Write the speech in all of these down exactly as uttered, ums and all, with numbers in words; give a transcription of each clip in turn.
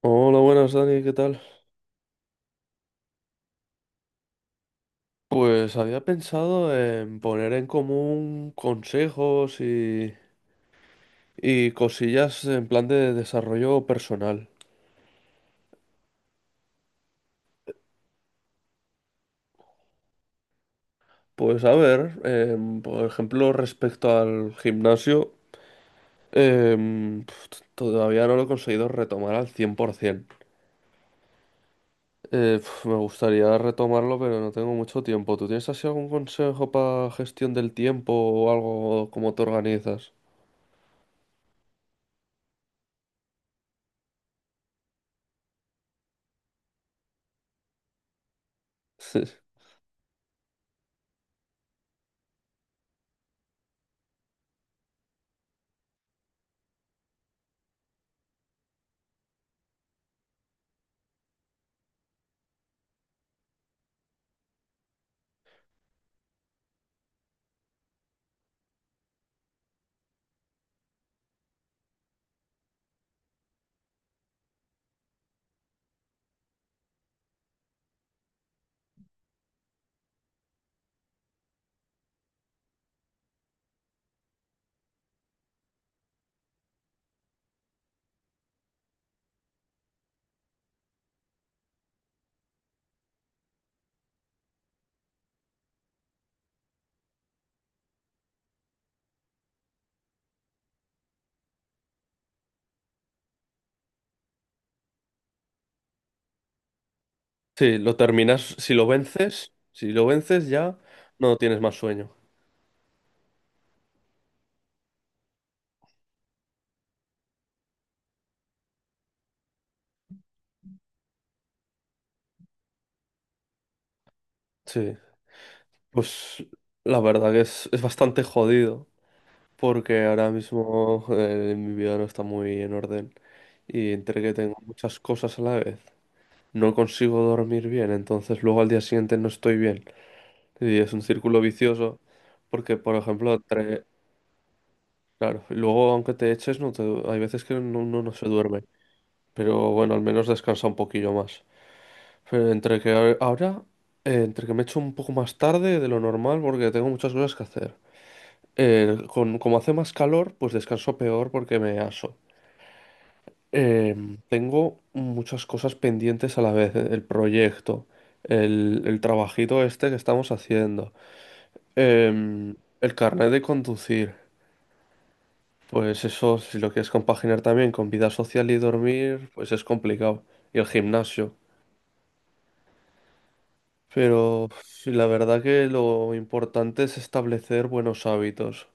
Hola, buenas Dani, ¿qué tal? Pues había pensado en poner en común consejos y, y cosillas en plan de desarrollo personal. Pues a ver, em, por ejemplo, respecto al gimnasio, em, pf, todavía no lo he conseguido retomar al cien por ciento. Eh, pf, me gustaría retomarlo, pero no tengo mucho tiempo. ¿Tú tienes así algún consejo para gestión del tiempo o algo, cómo te organizas? Sí, lo terminas, si lo vences, si lo vences ya no tienes más sueño. Sí, pues la verdad que es, es bastante jodido porque ahora mismo eh, mi vida no está muy en orden y entre que tengo muchas cosas a la vez, no consigo dormir bien, entonces luego al día siguiente no estoy bien y es un círculo vicioso porque, por ejemplo, entre- claro, y luego aunque te eches, no te- hay veces que uno no, uno no se duerme, pero bueno, al menos descansa un poquillo más. Pero entre que a- ahora, eh, entre que me echo un poco más tarde de lo normal porque tengo muchas cosas que hacer. Eh, con, como hace más calor, pues descanso peor porque me aso. Em, tengo muchas cosas pendientes a la vez. eh, El proyecto, el, el trabajito este que estamos haciendo, em, el carnet de conducir. Pues eso, si lo quieres compaginar también con vida social y dormir, pues es complicado. Y el gimnasio. Pero sí, la verdad que lo importante es establecer buenos hábitos.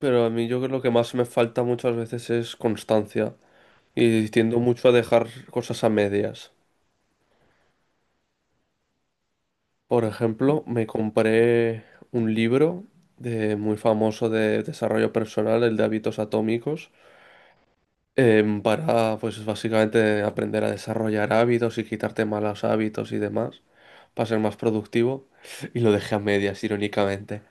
Pero a mí yo creo que lo que más me falta muchas veces es constancia. Y tiendo mucho a dejar cosas a medias. Por ejemplo, me compré un libro de, muy famoso de desarrollo personal, el de hábitos atómicos, em, para pues básicamente aprender a desarrollar hábitos y quitarte malos hábitos y demás, para ser más productivo. Y lo dejé a medias, irónicamente.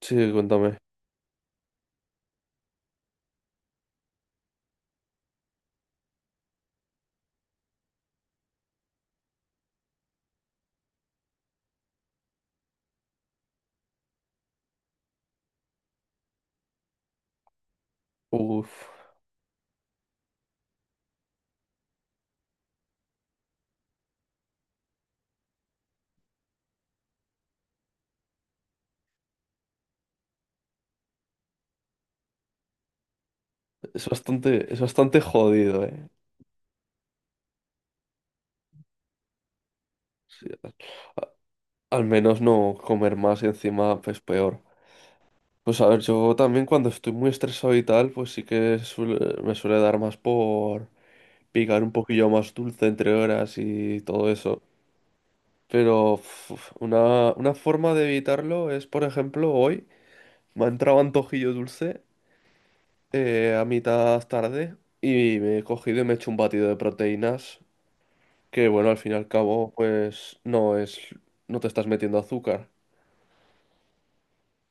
Sí, cuéntame. Uf. Es bastante, es bastante jodido, ¿eh? Sí, al menos no comer más y encima, pues peor. Pues a ver, yo también cuando estoy muy estresado y tal, pues sí que suele- me suele dar más por picar un poquillo más dulce entre horas y todo eso. Pero uf, una, una forma de evitarlo es, por ejemplo, hoy me ha entrado antojillo dulce eh, a mitad tarde y me he cogido y me he hecho un batido de proteínas que, bueno, al fin y al cabo, pues no es, no te estás metiendo azúcar.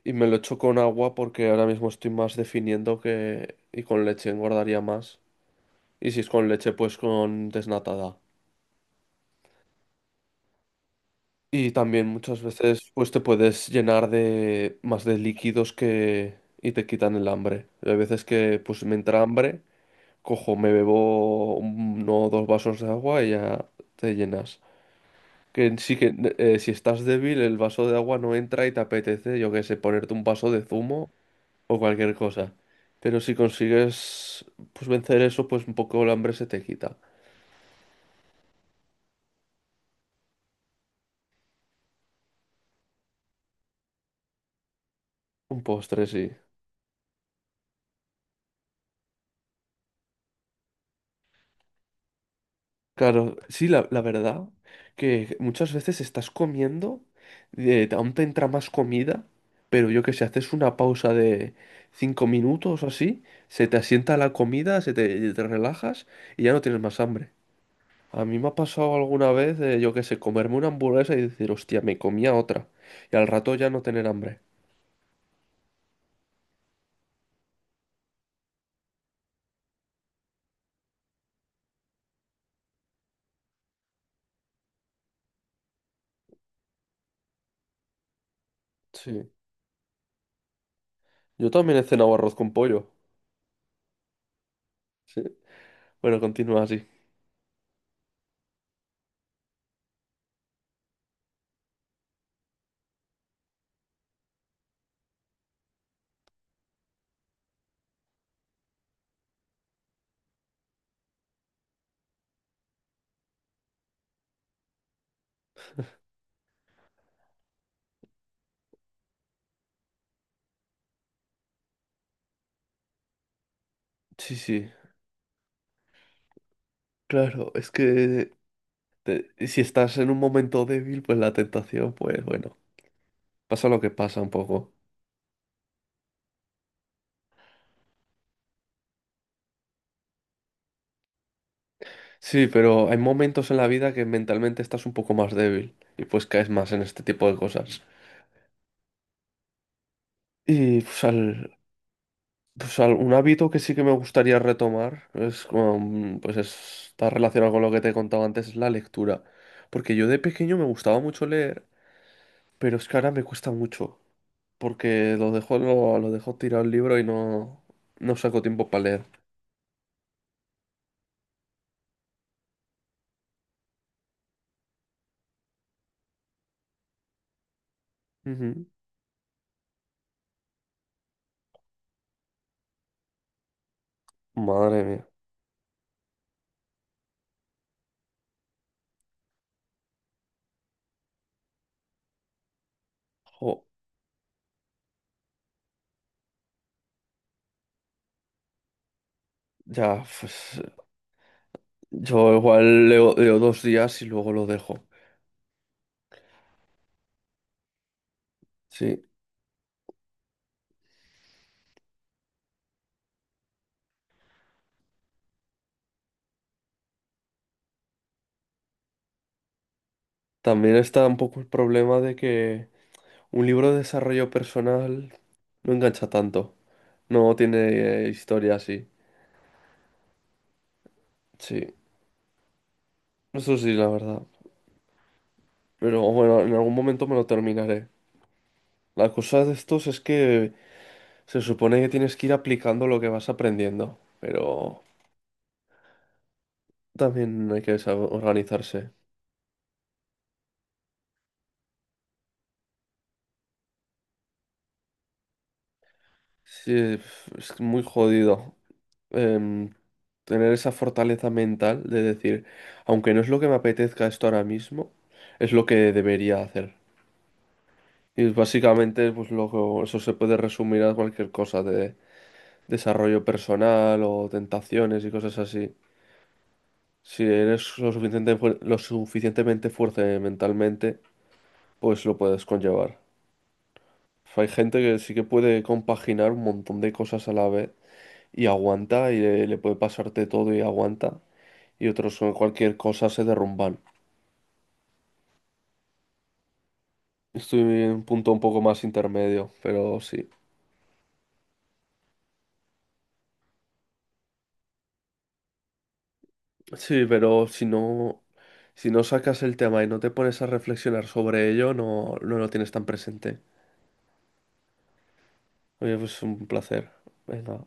Y me lo echo con agua porque ahora mismo estoy más definiendo que... Y con leche engordaría más. Y si es con leche, pues con desnatada. Y también muchas veces pues te puedes llenar de más de líquidos que... y te quitan el hambre. Hay veces que pues me entra hambre, cojo, me bebo uno o dos vasos de agua y ya te llenas. Que sí que eh, si estás débil, el vaso de agua no entra y te apetece, yo qué sé, ponerte un vaso de zumo o cualquier cosa. Pero si consigues pues vencer eso, pues un poco el hambre se te quita. Un postre, sí. Claro, sí, la, la verdad que muchas veces estás comiendo, eh, aún te entra más comida, pero yo que sé, haces una pausa de cinco minutos o así, se te asienta la comida, se te, te relajas y ya no tienes más hambre. A mí me ha pasado alguna vez, eh, yo que sé, comerme una hamburguesa y decir, hostia, me comía otra. Y al rato ya no tener hambre. Sí. Yo también he cenado arroz con pollo. Sí. Bueno, continúa así. Sí, sí. Claro, es que te- si estás en un momento débil, pues la tentación, pues bueno, pasa lo que pasa un poco. Sí, pero hay momentos en la vida que mentalmente estás un poco más débil y pues caes más en este tipo de cosas. Y pues, al, pues al- un hábito que sí que me gustaría retomar es como, mm, pues es- está relacionado con lo que te he contado antes, es la lectura. Porque yo de pequeño me gustaba mucho leer, pero es que ahora me cuesta mucho. Porque lo dejó, lo, lo dejó tirado el libro y no, no sacó tiempo para leer. Ujú. Madre mía. Jo, ya, pues yo igual leo, leo dos días y luego lo dejo. Sí, también está un poco el problema de que un libro de desarrollo personal no engancha tanto. No tiene eh, historia así. Sí, eso sí, la verdad. Pero bueno, en algún momento me lo terminaré. La cosa de estos es que se supone que tienes que ir aplicando lo que vas aprendiendo. Pero también hay que saber organizarse. Sí, es muy jodido em, tener esa fortaleza mental de decir, aunque no es lo que me apetezca esto ahora mismo, es lo que debería hacer. Y básicamente, pues lo, eso se puede resumir a cualquier cosa de desarrollo personal o tentaciones y cosas así. Si eres lo suficiente fuer- lo suficientemente fuerte mentalmente, pues lo puedes conllevar. Hay gente que sí que puede compaginar un montón de cosas a la vez y aguanta y le, le puede pasarte todo y aguanta. Y otros con cualquier cosa se derrumban. Estoy en un punto un poco más intermedio, pero sí. Sí, pero si no, si no sacas el tema y no te pones a reflexionar sobre ello, no, no lo tienes tan presente. Oye, pues un placer. Venga.